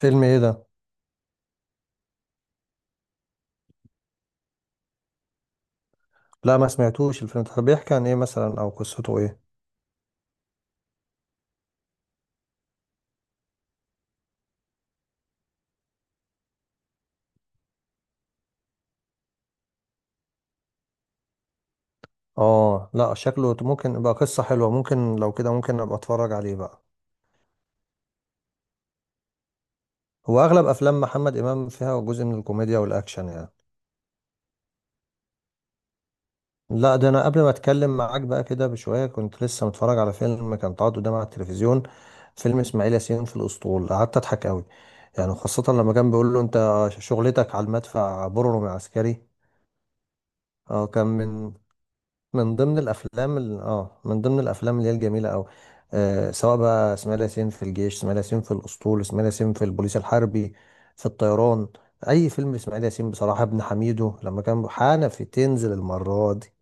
فيلم ايه ده؟ لا، ما سمعتوش الفيلم ده. طب بيحكي عن ايه مثلا، او قصته ايه؟ اه، لا شكله ممكن يبقى قصة حلوة، ممكن لو كده ممكن ابقى اتفرج عليه بقى. هو اغلب افلام محمد امام فيها جزء من الكوميديا والاكشن، يعني. لا، ده انا قبل ما اتكلم معاك بقى كده بشوية كنت لسه متفرج على فيلم كان اتعرض قدامي على التلفزيون. فيلم اسماعيل ياسين في الاسطول، قعدت اضحك قوي. يعني خاصة لما كان بيقول له: انت شغلتك على المدفع بررم عسكري. اه كان من ضمن الافلام ال... اه من ضمن الافلام اللي هي الجميله قوي. سواء بقى اسماعيل ياسين في الجيش، اسماعيل ياسين في الاسطول، اسماعيل ياسين في البوليس الحربي، في الطيران. اي فيلم اسماعيل ياسين بصراحه، ابن حميدو لما كان حنفي تنزل المره دي.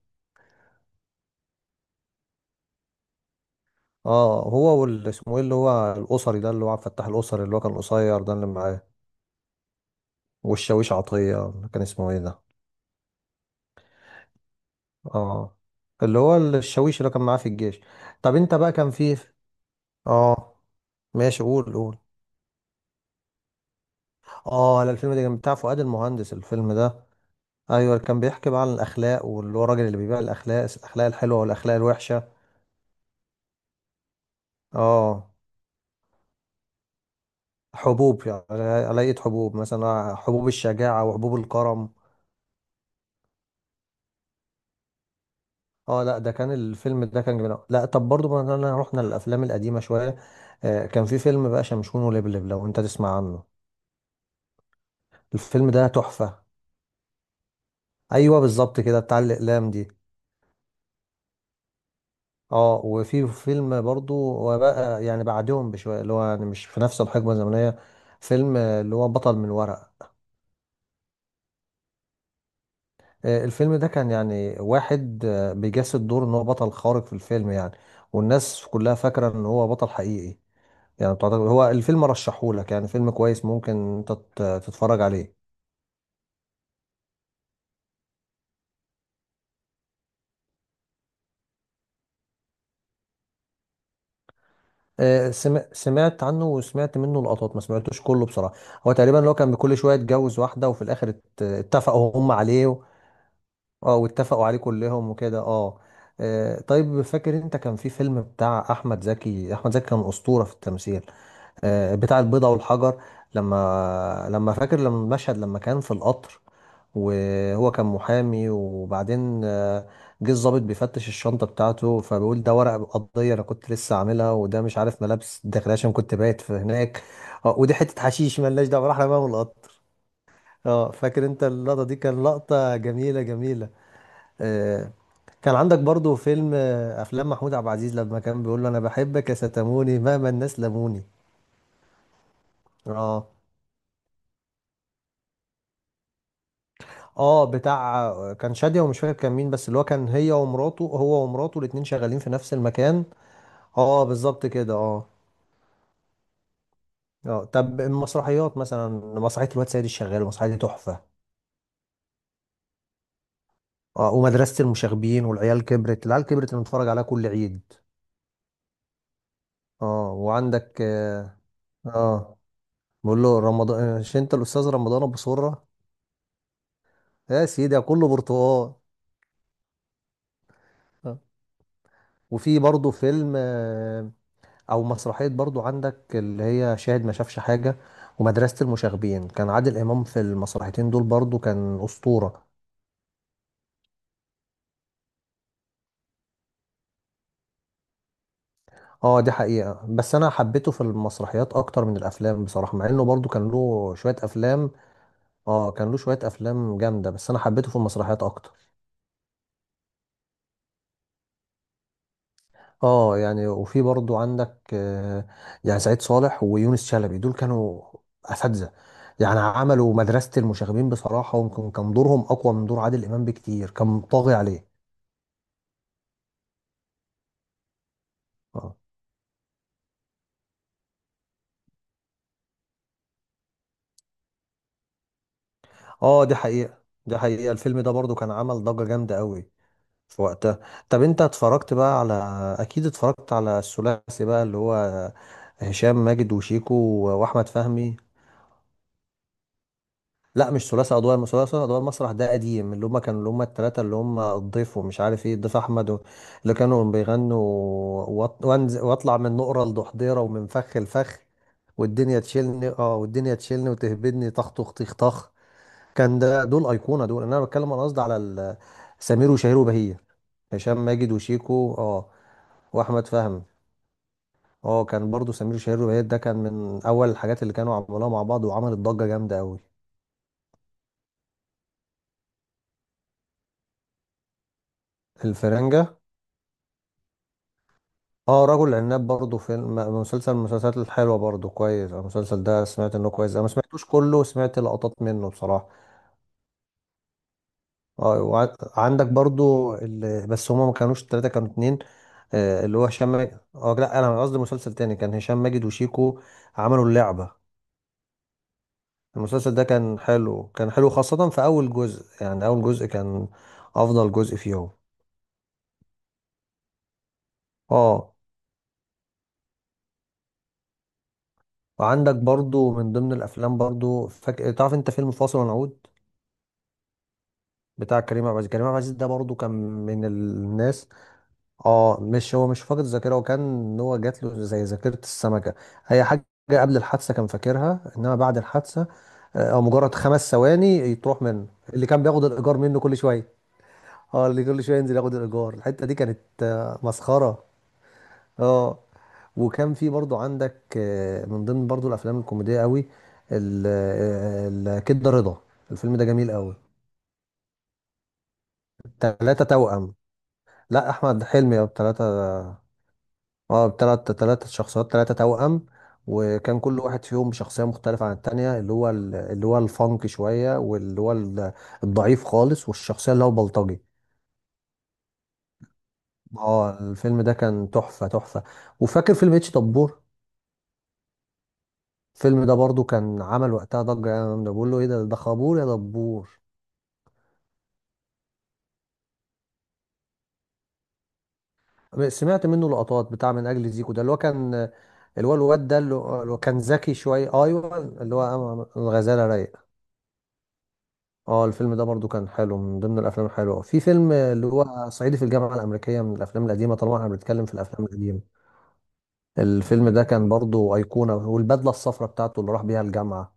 اه هو اسمه ايه، اللي هو الاسري ده، اللي هو عبد الفتاح الاسري، اللي هو كان قصير ده، اللي معاه. والشاويش عطيه كان اسمه ايه ده؟ اه، اللي هو الشاويش اللي كان معاه في الجيش. طب انت بقى كان فيه. اه، ماشي، قول قول. اه، لا، الفيلم ده كان بتاع فؤاد المهندس الفيلم ده. ايوه، كان بيحكي بقى عن الاخلاق واللي هو الراجل اللي بيبيع الاخلاق، الاخلاق الحلوه والاخلاق الوحشه. اه، حبوب يعني. علاقة حبوب، مثلا حبوب الشجاعه وحبوب الكرم. اه، لا، ده كان الفيلم ده كان جميل أوي. لا طب برضو مثلا رحنا للافلام القديمه شويه. كان في فيلم بقى شمشون ولبلب، لو انت تسمع عنه. الفيلم ده تحفه. ايوه بالظبط كده، بتاع الاقلام دي. اه، وفي فيلم برضو وبقى يعني بعدهم بشويه، اللي هو يعني مش في نفس الحقبه الزمنيه. فيلم اللي هو بطل من ورقه. الفيلم ده كان يعني واحد بيجسد دور ان هو بطل خارق في الفيلم، يعني. والناس كلها فاكره ان هو بطل حقيقي. يعني بتعتقد هو الفيلم رشحهولك، يعني فيلم كويس، ممكن انت تتفرج عليه. سمعت عنه وسمعت منه لقطات، ما سمعتوش كله بصراحه. هو تقريبا اللي هو كان كل شويه يتجوز واحده، وفي الاخر اتفقوا هم عليه. اه، واتفقوا عليه كلهم وكده، اه. طيب فاكر انت كان في فيلم بتاع احمد زكي؟ احمد زكي كان اسطوره في التمثيل. بتاع البيضه والحجر. لما فاكر لما المشهد لما كان في القطر، وهو كان محامي، وبعدين جه الضابط بيفتش الشنطه بتاعته، فبيقول: ده ورق قضيه انا كنت لسه عاملها، وده مش عارف ملابس داخليه عشان كنت بايت في هناك. ودي حته حشيش مالناش دعوه، راح رماها من القطر. اه فاكر انت اللقطه دي، كان لقطه جميله جميله. آه، كان عندك برضو فيلم افلام محمود عبد العزيز لما كان بيقول له: انا بحبك يا ستموني مهما الناس لموني. اه. اه، بتاع كان شادية ومش فاكر كان مين، بس اللي هو كان هي ومراته، هو ومراته الاتنين شغالين في نفس المكان. اه، بالظبط كده، اه. اه، طب المسرحيات مثلا، مسرحية الواد سيد الشغال، المسرحية دي تحفة. اه، ومدرسة المشاغبين، والعيال كبرت العيال كبرت اللي بنتفرج عليها كل عيد. اه وعندك، آه بقول له رمضان، مش انت الاستاذ رمضان ابو سره؟ يا سيدي كله برتقال. آه. وفي برضه فيلم او مسرحيه برضه عندك اللي هي شاهد ما شافش حاجه. ومدرسه المشاغبين كان عادل امام في المسرحيتين دول برضه كان اسطوره. اه، دي حقيقه، بس انا حبيته في المسرحيات اكتر من الافلام بصراحه، مع انه برضه كان له شويه افلام. اه، كان له شويه افلام جامده، بس انا حبيته في المسرحيات اكتر. اه، يعني وفي برضو عندك يعني سعيد صالح ويونس شلبي دول كانوا اساتذه. يعني عملوا مدرسه المشاغبين بصراحه، ويمكن كان دورهم اقوى من دور عادل امام بكتير، كان طاغي عليه. اه اه دي حقيقه. دي حقيقه الفيلم ده برضو كان عمل ضجه جامده قوي في وقتها. طب انت اتفرجت بقى على، اكيد اتفرجت على الثلاثي بقى اللي هو هشام ماجد وشيكو واحمد فهمي. لا، مش ثلاثي أضواء المسرح. ثلاثي أضواء المسرح ده قديم، اللي هما التلاتة، اللي هما الضيف ومش عارف ايه الضيف أحمد اللي كانوا بيغنوا، وأطلع من نقرة لضحضيرة ومن فخ لفخ. والدنيا تشيلني، والدنيا تشيلني وتهبدني طخ طخ طخ طخ. كان ده دول أيقونة دول. أنا قصدي على سمير وشهير وبهية، هشام ماجد وشيكو، اه، واحمد فهمي. اه، كان برضو سمير وشهير وبهية ده كان من اول الحاجات اللي كانوا عملوها مع بعض، وعملت ضجة جامدة قوي. الفرنجة. اه، رجل عناب برضه فيلم، مسلسل من المسلسلات الحلوه برضه كويس. المسلسل ده سمعت انه كويس، انا ما سمعتوش كله، سمعت لقطات منه بصراحه. عندك برضه اللي بس هما ما كانوش ثلاثه، كانوا اتنين، اللي هو هشام ماجد، اه، لا، انا قصدي مسلسل تاني كان هشام ماجد وشيكو عملوا اللعبه. المسلسل ده كان حلو، كان حلو خاصه في اول جزء، يعني اول جزء كان افضل جزء فيهم. اه، وعندك برضه من ضمن الافلام برضه، تعرف انت فيلم فاصل ونعود بتاع كريم عبد العزيز؟ كريم عبد العزيز ده برضه كان من الناس. اه، مش هو مش فاقد ذاكره، هو كان ان هو جات له زي ذاكره السمكه اي حاجه قبل الحادثه كان فاكرها، انما بعد الحادثه او مجرد خمس ثواني تروح منه، اللي كان بياخد الايجار منه كل شويه. اه، اللي كل شويه ينزل ياخد الايجار الحته دي كانت مسخره. اه، وكان في برضه عندك من ضمن برضه الافلام الكوميديه قوي، ال- آه، آه، كده رضا، الفيلم ده جميل قوي. ثلاثه توأم. لا، احمد حلمي بثلاثه. اه، بثلاثه شخصيات، ثلاثه توأم. وكان كل واحد فيهم بشخصيه مختلفه عن التانيه، اللي هو اللي هو الفانك شويه، واللي هو الضعيف خالص، والشخصيه اللي هو بلطجي. اه، الفيلم ده كان تحفه تحفه. وفاكر فيلم اتش دبور؟ الفيلم ده برضو كان عمل وقتها ضجه، يعني انا بقول له: ايه ده خابور يا دبور. سمعت منه لقطات بتاع من اجل زيكو ده اللي هو كان، اللي هو الواد ده اللي هو كان ذكي شويه، ايوه اللي هو الغزاله رايق. اه، الفيلم ده برضو كان حلو من ضمن الافلام الحلوه. في فيلم اللي هو صعيدي في الجامعه الامريكيه من الافلام القديمه، طالما احنا بنتكلم في الافلام القديمه، الفيلم ده كان برضو ايقونه، والبدله الصفراء بتاعته اللي راح بيها الجامعه.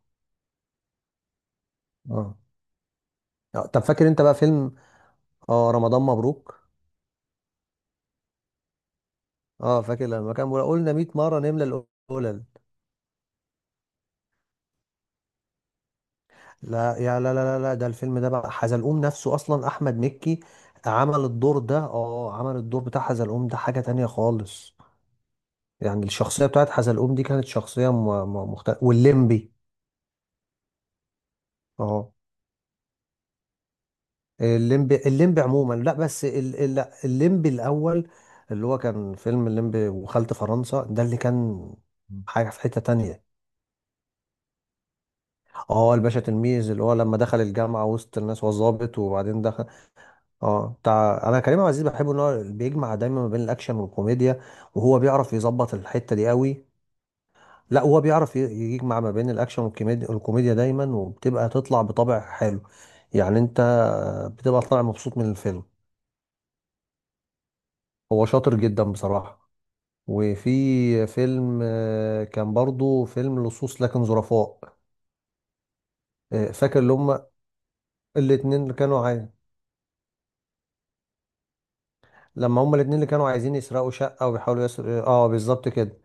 اه طب فاكر انت بقى فيلم اه رمضان مبروك؟ اه فاكر لما كان بيقول: قلنا 100 مره نملى القلل. لا، يا، لا، لا، لا، لا، ده الفيلم ده بقى حزلقوم نفسه اصلا، احمد مكي عمل الدور ده. اه عمل الدور بتاع حزلقوم ده حاجه تانية خالص، يعني الشخصية بتاعت حزلقوم دي كانت شخصية مختلفة. والليمبي. اه، الليمبي، عموما، لا بس لا، الليمبي الأول اللي هو كان فيلم الليمبي وخلت فرنسا ده اللي كان حاجة في حتة تانية. اه، الباشا تلميذ اللي هو لما دخل الجامعة وسط الناس هو ظابط، وبعدين دخل. اه، بتاع، أنا كريم عبد العزيز بحبه إن هو بيجمع دايما ما بين الأكشن والكوميديا، وهو بيعرف يظبط الحتة دي قوي. لا، هو بيعرف يجمع ما بين الاكشن والكوميديا، الكوميديا دايما، وبتبقى تطلع بطبع حلو. يعني انت بتبقى طالع مبسوط من الفيلم. هو شاطر جدا بصراحة. وفي فيلم كان برضو فيلم لصوص لكن ظرفاء. فاكر اللي هم الاتنين اللي كانوا عايز، لما هم الاتنين اللي كانوا عايزين يسرقوا شقة وبيحاولوا يسرقوا، اه، بالظبط كده.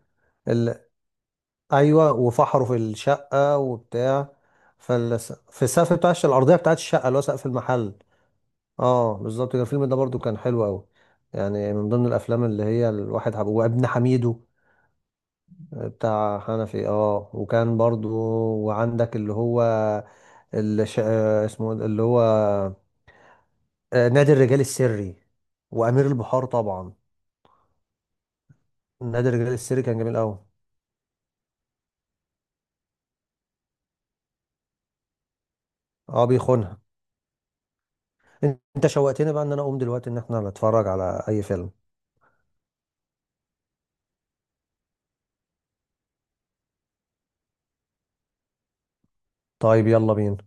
ال... ايوه وفحروا في الشقة وبتاع، فال... في السقف بتاع الارضية بتاعت الشقة اللي هو سقف المحل. اه، بالظبط كده، الفيلم ده برضو كان حلو قوي. يعني من ضمن الافلام اللي هي الواحد وابن حميدو. بتاع حنفي، اه، وكان برضو وعندك اللي هو الش... آه، اسمه إيه ده؟ اللي هو نادي الرجال السري وامير البحار طبعا. نادي الرجال السري كان جميل قوي. اه، بيخونها. انت شوقتني بقى ان انا اقوم دلوقتي ان احنا نتفرج على اي فيلم. طيب يلا بينا.